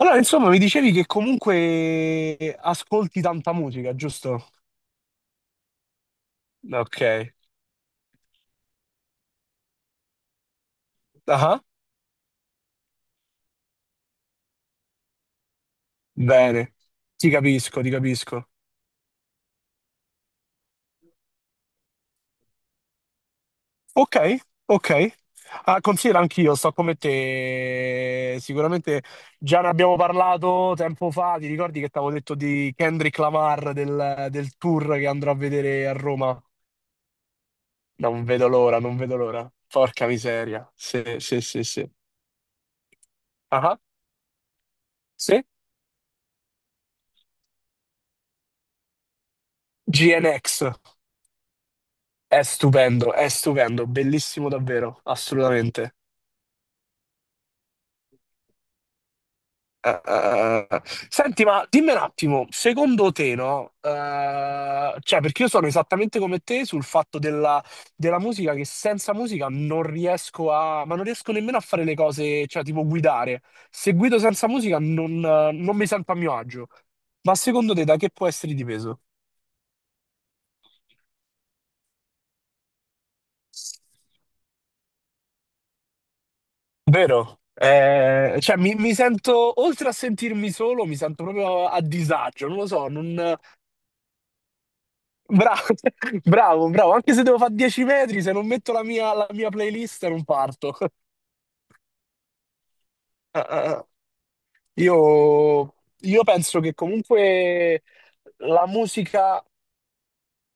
Allora, insomma, mi dicevi che comunque ascolti tanta musica, giusto? Ok. Ah, bene. Ti capisco, ti capisco. Ok, ok. Ah, considera anch'io, sto come te. Sicuramente già ne abbiamo parlato tempo fa. Ti ricordi che ti avevo detto di Kendrick Lamar del tour che andrò a vedere a Roma? Non vedo l'ora, non vedo l'ora. Porca miseria. Sì, sì, sì, sì. Ah, sì. GNX. È stupendo, bellissimo davvero, assolutamente. Eh. Eh. Senti, ma dimmi un attimo, secondo te, no? Cioè, perché io sono esattamente come te sul fatto della musica, che senza musica non riesco a, ma non riesco nemmeno a fare le cose, cioè, tipo guidare. Se guido senza musica non, non mi sento a mio agio. Ma secondo te, da che può essere dipeso? Vero? Cioè, mi sento, oltre a sentirmi solo, mi sento proprio a disagio, non lo so, non... Bravo, bravo, bravo, anche se devo fare 10 metri, se non metto la mia playlist non parto. Io, io penso che comunque la musica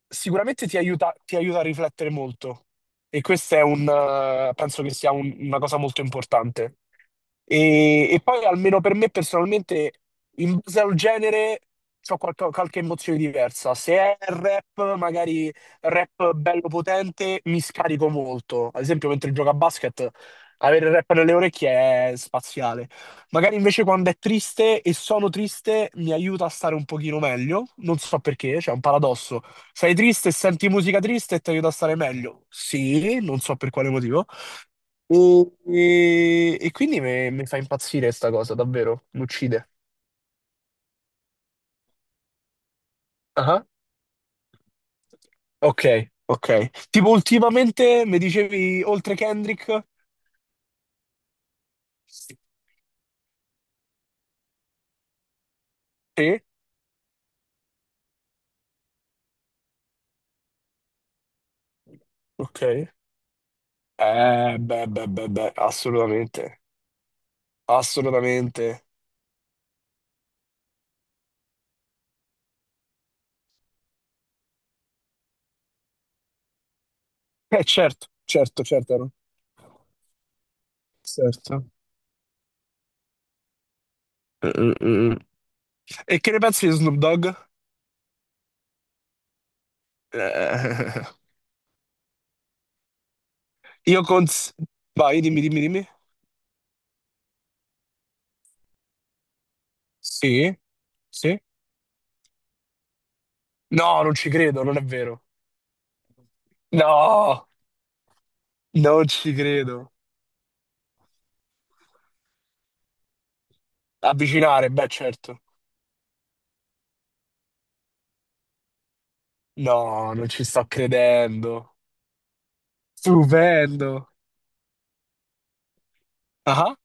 sicuramente ti aiuta a riflettere molto e questo è un, penso che una cosa molto importante. E poi almeno per me personalmente, in base al genere, ho qualche emozione diversa. Se è rap, magari rap bello potente, mi scarico molto. Ad esempio, mentre gioco a basket, avere il rap nelle orecchie è spaziale. Magari invece quando è triste e sono triste mi aiuta a stare un pochino meglio, non so perché, c'è un paradosso. Sei triste e senti musica triste e ti aiuta a stare meglio. Sì, non so per quale motivo. E quindi mi fa impazzire sta cosa, davvero, mi uccide. Ah, ah. Ok, ok. Tipo ultimamente mi dicevi oltre Kendrick? Sì, ok. Beh, beh, beh, beh, assolutamente, assolutamente. Certo, certo, certo. Certo. Eh. E che ne pensi di Snoop Dogg? Eh, io cons... Vai, dimmi, dimmi, dimmi. Sì, sì. No, non ci credo, non è vero. No, non ci credo. Avvicinare, beh, certo. No, non ci sto credendo. Stupendo. Ah, ah.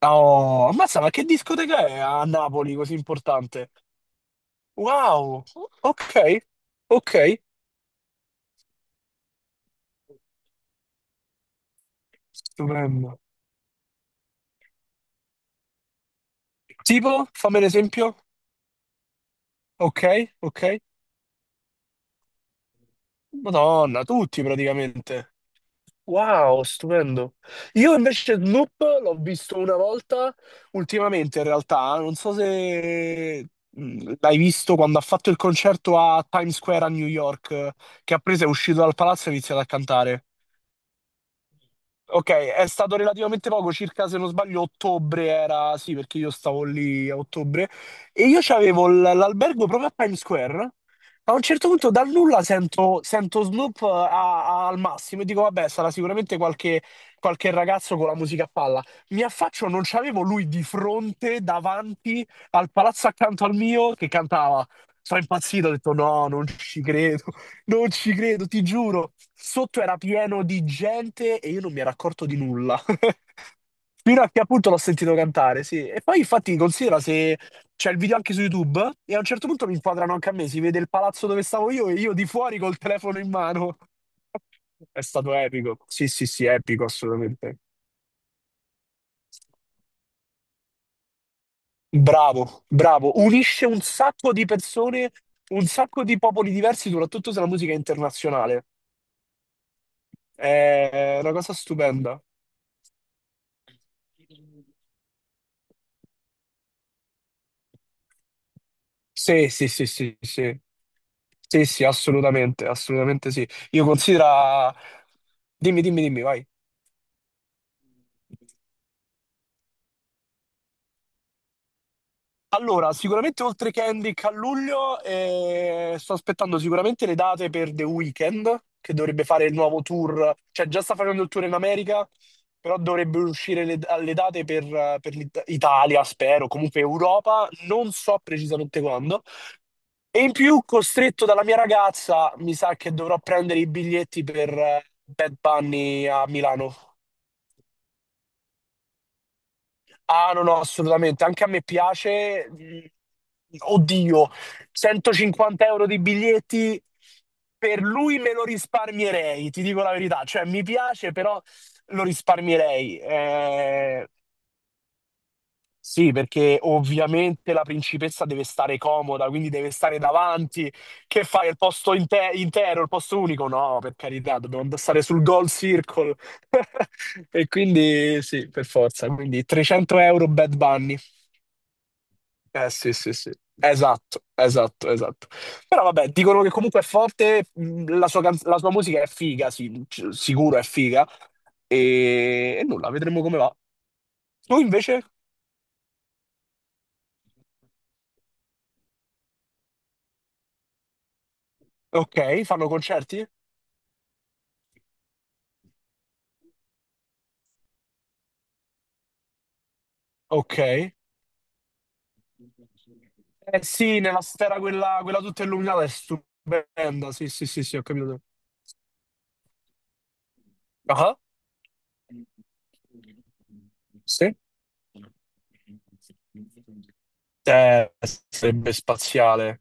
Oh, ammazza, ma che discoteca è a Napoli così importante? Wow, ok, ok. Stupendo. Tipo, fammi un esempio. Ok, ok. Madonna, tutti praticamente. Wow, stupendo. Io invece Snoop l'ho visto una volta. Ultimamente, in realtà, non so se l'hai visto quando ha fatto il concerto a Times Square a New York, che ha preso, è uscito dal palazzo e ha iniziato a cantare. Okay, è stato relativamente poco, circa se non sbaglio ottobre era, sì, perché io stavo lì a ottobre e io c'avevo l'albergo proprio a Times Square. A un certo punto dal nulla sento Snoop a al massimo e dico: "Vabbè, sarà sicuramente qualche qualche ragazzo con la musica a palla". Mi affaccio, non c'avevo lui di fronte, davanti al palazzo accanto al mio che cantava. Sono impazzito, ho detto: "No, non ci credo". Non ci credo, ti giuro. Sotto era pieno di gente e io non mi ero accorto di nulla. Fino a che appunto l'ho sentito cantare, sì. E poi infatti considera se c'è il video anche su YouTube e a un certo punto mi inquadrano anche a me, si vede il palazzo dove stavo io e io di fuori col telefono in mano. È stato epico. Sì, sì, sì, epico assolutamente. Bravo, bravo. Unisce un sacco di persone, un sacco di popoli diversi, soprattutto se la musica è internazionale. È una cosa stupenda. Sì, sì, sì, sì, sì. Sì, sì, assolutamente, assolutamente sì. Io considero... Dimmi, dimmi, dimmi, vai. Allora, sicuramente oltre che Kendrick a luglio, sto aspettando sicuramente le date per The Weeknd, che dovrebbe fare il nuovo tour, cioè già sta facendo il tour in America, però dovrebbe uscire le, alle date per Italia, spero, comunque Europa, non so precisamente quando. E in più, costretto dalla mia ragazza, mi sa che dovrò prendere i biglietti per Bad Bunny a Milano. Ah, no, no, assolutamente. Anche a me piace. Mm. Oddio, 150 euro di biglietti per lui me lo risparmierei, ti dico la verità. Cioè, mi piace, però lo risparmierei. Eh. Sì, perché ovviamente la principessa deve stare comoda, quindi deve stare davanti. Che fai? Il intero, il posto unico? No, per carità, dobbiamo stare sul goal circle. E quindi sì, per forza. Quindi 300 euro Bad Bunny. Eh sì, sì, sì. Esatto, esatto, esatto. Però vabbè, dicono che comunque è forte, la sua, la sua musica è figa, sì, sicuro è figa. E nulla, vedremo come va. Tu invece? Ok, fanno concerti? Ok. Eh sì, nella sfera quella, quella tutta illuminata è stupenda. Sì, sì, sì, sì, ho capito. Ah, sì. Eh, sarebbe spaziale.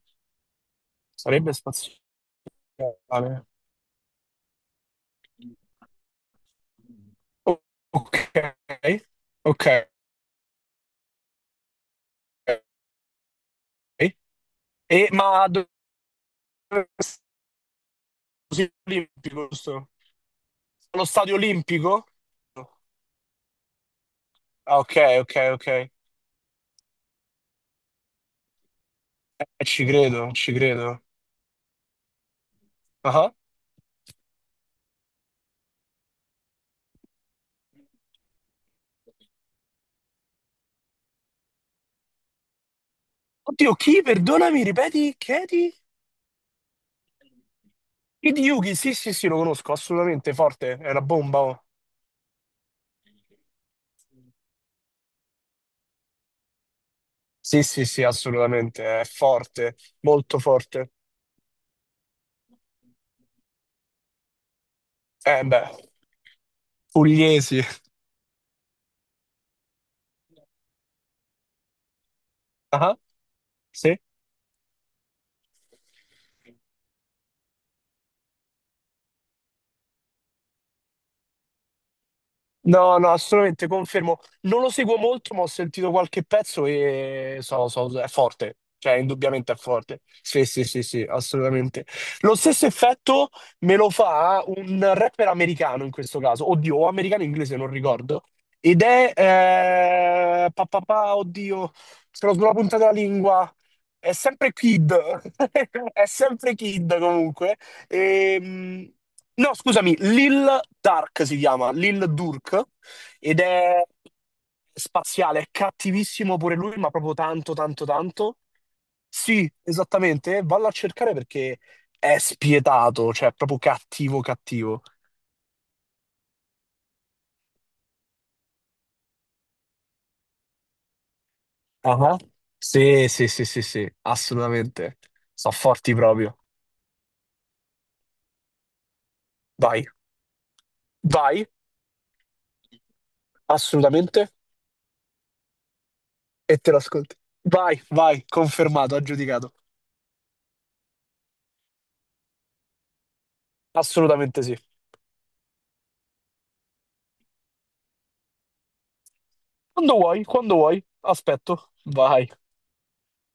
Sarebbe spaziale. O- Ok, ok. E, ma dove è stadio olimpico, giusto? Allo stadio olimpico? Ah, ok, ok, ok. E ci credo, ci credo. Ah. Oddio, chi? Perdonami, ripeti? Chiedi? Hideyuki, sì, sì, sì, lo conosco, assolutamente forte. È una bomba. Oh. Sì, sì, sì, assolutamente, è forte, molto forte. Eh beh, pugliesi. Ah, sì? No, no, assolutamente confermo. Non lo seguo molto, ma ho sentito qualche pezzo e so, è forte. Cioè, indubbiamente è forte. Sì, sì, sì, sì, assolutamente. Lo stesso effetto me lo fa un rapper americano in questo caso. Oddio, o americano o inglese, non ricordo. Ed è... pa, pa, pa, oddio, sono sulla punta della lingua. È sempre Kid. È sempre Kid comunque. Ehm, no, scusami, Lil Dark si chiama, Lil Durk, ed è spaziale, è cattivissimo pure lui, ma proprio tanto, tanto, tanto. Sì, esattamente, vallo a cercare perché è spietato, cioè è proprio cattivo, cattivo. Ah. Sì, sì, sì, sì, sì, assolutamente. Sono forti proprio. Vai, vai, assolutamente, e te lo ascolti. Vai, vai, confermato, aggiudicato. Assolutamente sì. Quando vuoi, aspetto. Vai.